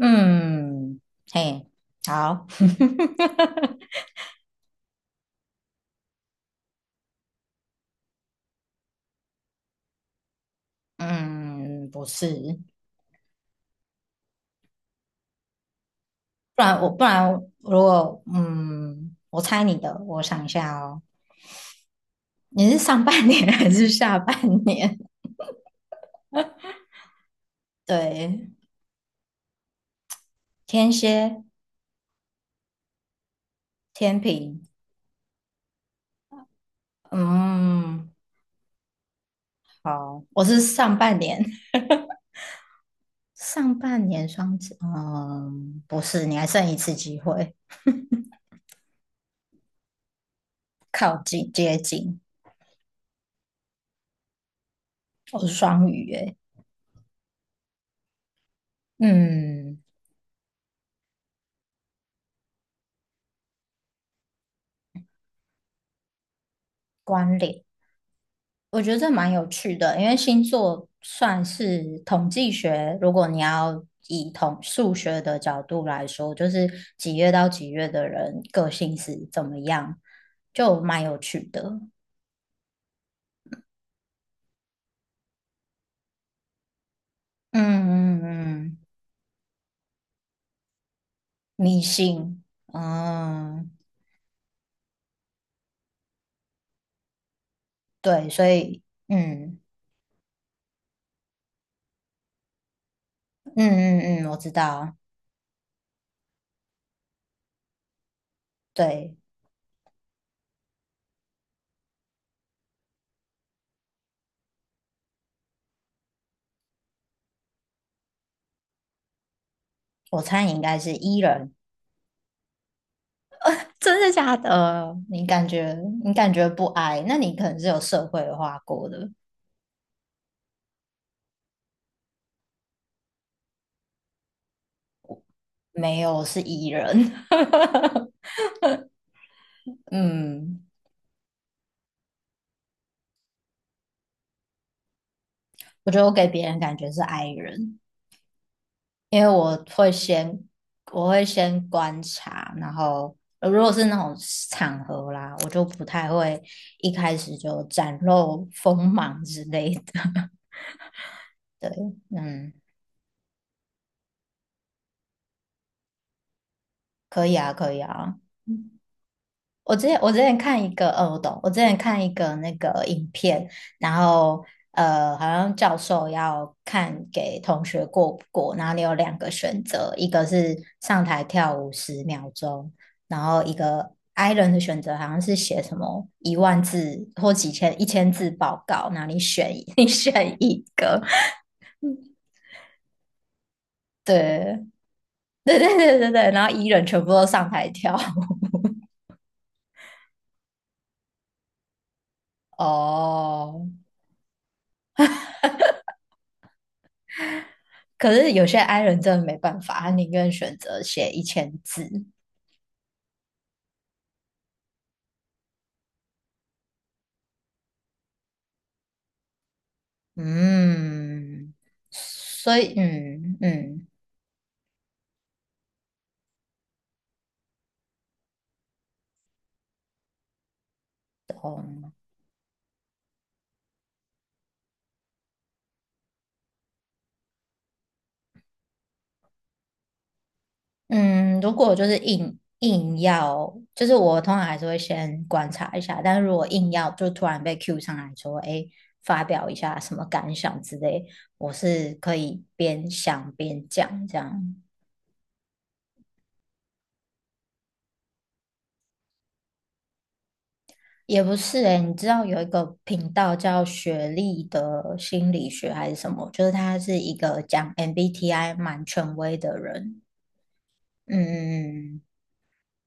嗯，嘿，好，嗯，不是，不然如果我猜你的，我想一下哦，你是上半年 还是下半年？对，天蝎、天平，嗯，好，我是上半年，上半年双子，嗯，不是，你还剩一次机会，靠近接近，我是双鱼，诶，嗯，关联。我觉得这蛮有趣的，因为星座算是统计学，如果你要以统数学的角度来说，就是几月到几月的人个性是怎么样，就蛮有趣的。嗯嗯嗯，迷信，嗯，对，所以，嗯嗯嗯嗯，我知道，对，我猜你应该是 E 人，真的假的？你感觉不 I，那你可能是有社会化过的。没有，是 E 人。嗯，我觉得我给别人感觉是 I 人，因为我会先观察，然后如果是那种场合啦，我就不太会一开始就展露锋芒之类的。对，嗯，可以啊，可以啊。我之前看一个，我懂，我之前看一个那个影片，然后好像教授要看给同学过不过，然后你有两个选择，一个是上台跳舞10秒钟，然后一个 i 人的选择好像是写什么1万字或几千一千字报告，那你选一 你选一个，对对对对对对，然后 E 人全部都上台跳，哦，可是有些 I 人真的没办法，他宁愿选择写一千字。嗯，所以嗯嗯嗯，如果就是硬要，就是我通常还是会先观察一下，但是如果硬要就突然被 Q 上来说，哎，发表一下什么感想之类，我是可以边想边讲这样。也不是诶，你知道有一个频道叫学历的心理学还是什么？就是他是一个讲 MBTI 蛮权威的人。嗯嗯嗯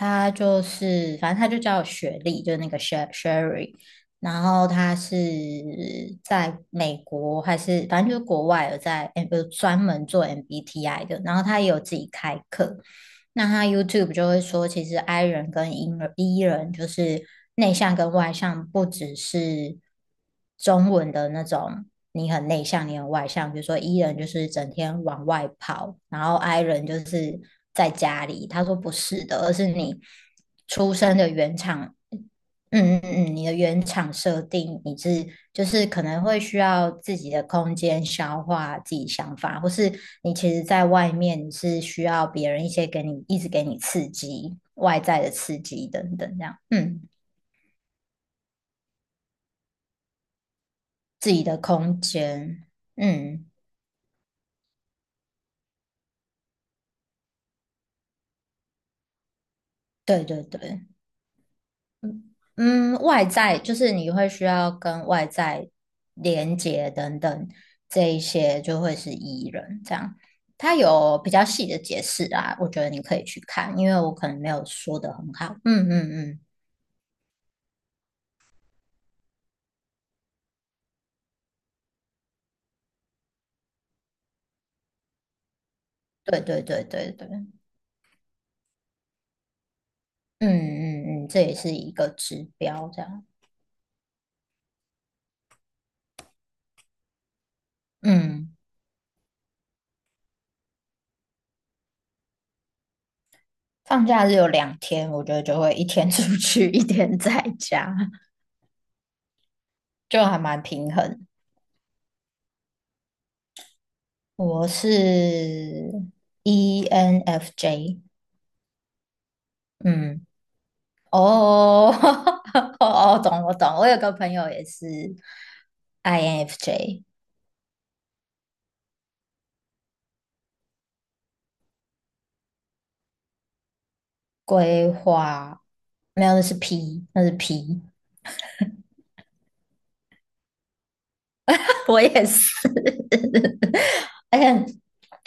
他就是，反正他就叫我雪莉，就是那个 Sherry 然后他是在美国还是反正就是国外有在有专门做 MBTI 的，然后他也有自己开课。那他 YouTube 就会说，其实 I 人跟 E 人，E 人就是内向跟外向，不只是中文的那种你很内向，你很外向。比如说 E 人就是整天往外跑，然后 I 人就是在家里。他说不是的，而是你出生的原厂，你的原厂设定，你是就是可能会需要自己的空间消化自己想法，或是你其实在外面你是需要别人一些一直给你刺激，外在的刺激等等这样，嗯，自己的空间，嗯，对对对。嗯，外在就是你会需要跟外在连接等等，这一些就会是 E 人这样。它有比较细的解释啊，我觉得你可以去看，因为我可能没有说的很好。嗯嗯嗯，对对对对对，嗯嗯嗯，这也是一个指标这样。嗯，放假日有2天，我觉得就会一天 出去，一天在家，就还蛮平衡。我是 ENFJ。嗯。哦，哦，哦，懂，我懂。我有个朋友也是 INFJ 规划，没有，那是 P，那是 P。我也是，而且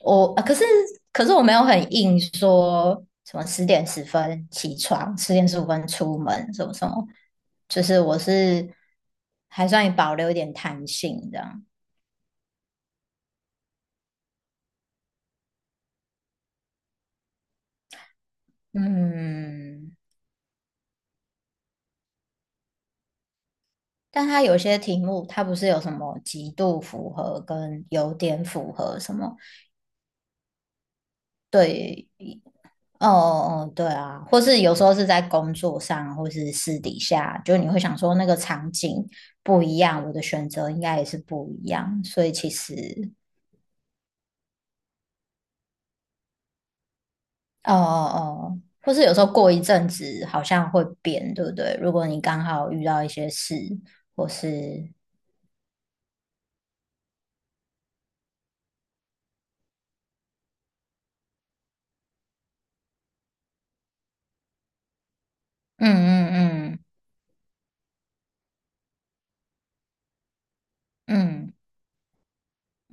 我，啊可是我没有很硬说什么10点10分起床，10点15分出门，什么什么，就是我是还算保留一点弹性这样。嗯，但它有些题目，它不是有什么极度符合跟有点符合什么？对，哦哦，对啊，或是有时候是在工作上，或是私底下，就你会想说那个场景不一样，我的选择应该也是不一样，所以其实，哦哦哦，或是有时候过一阵子好像会变，对不对？如果你刚好遇到一些事，或是嗯嗯嗯嗯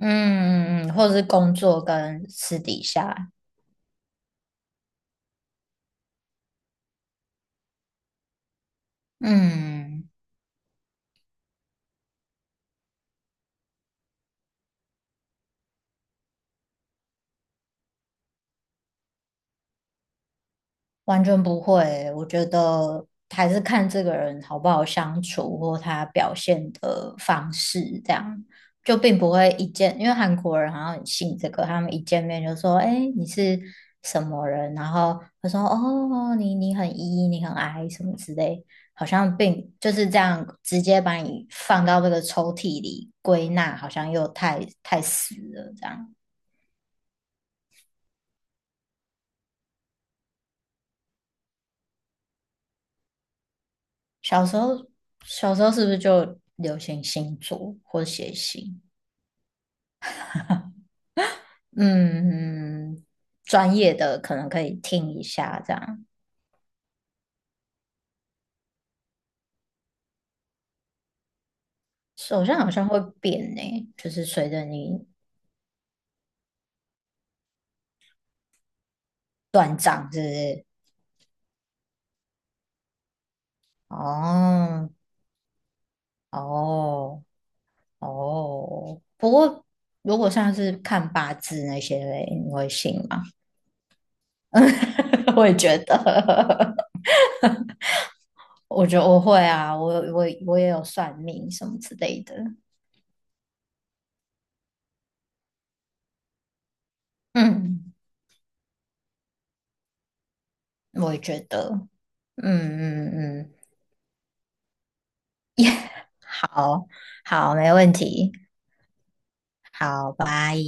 嗯嗯嗯，嗯或是工作跟私底下。嗯，完全不会。我觉得还是看这个人好不好相处，或他表现的方式，这样就并不会一见。因为韩国人好像很信这个，他们一见面就说：“哎，你是什么人？”然后他说：“哦，你很 E，你很 I 什么之类。”好像并就是这样直接把你放到这个抽屉里归纳，好像又太死了这样。小时候，小时候是不是就流行星座或写信？嗯，专业的可能可以听一下，这样手相好像会变呢，就是随着你哦哦哦。不过如果像是看八字那些嘞，你会信吗？我也觉得，我觉得我会啊，我也有算命什么之类的，嗯，我也觉得。嗯嗯嗯，好，好，没问题，好，拜。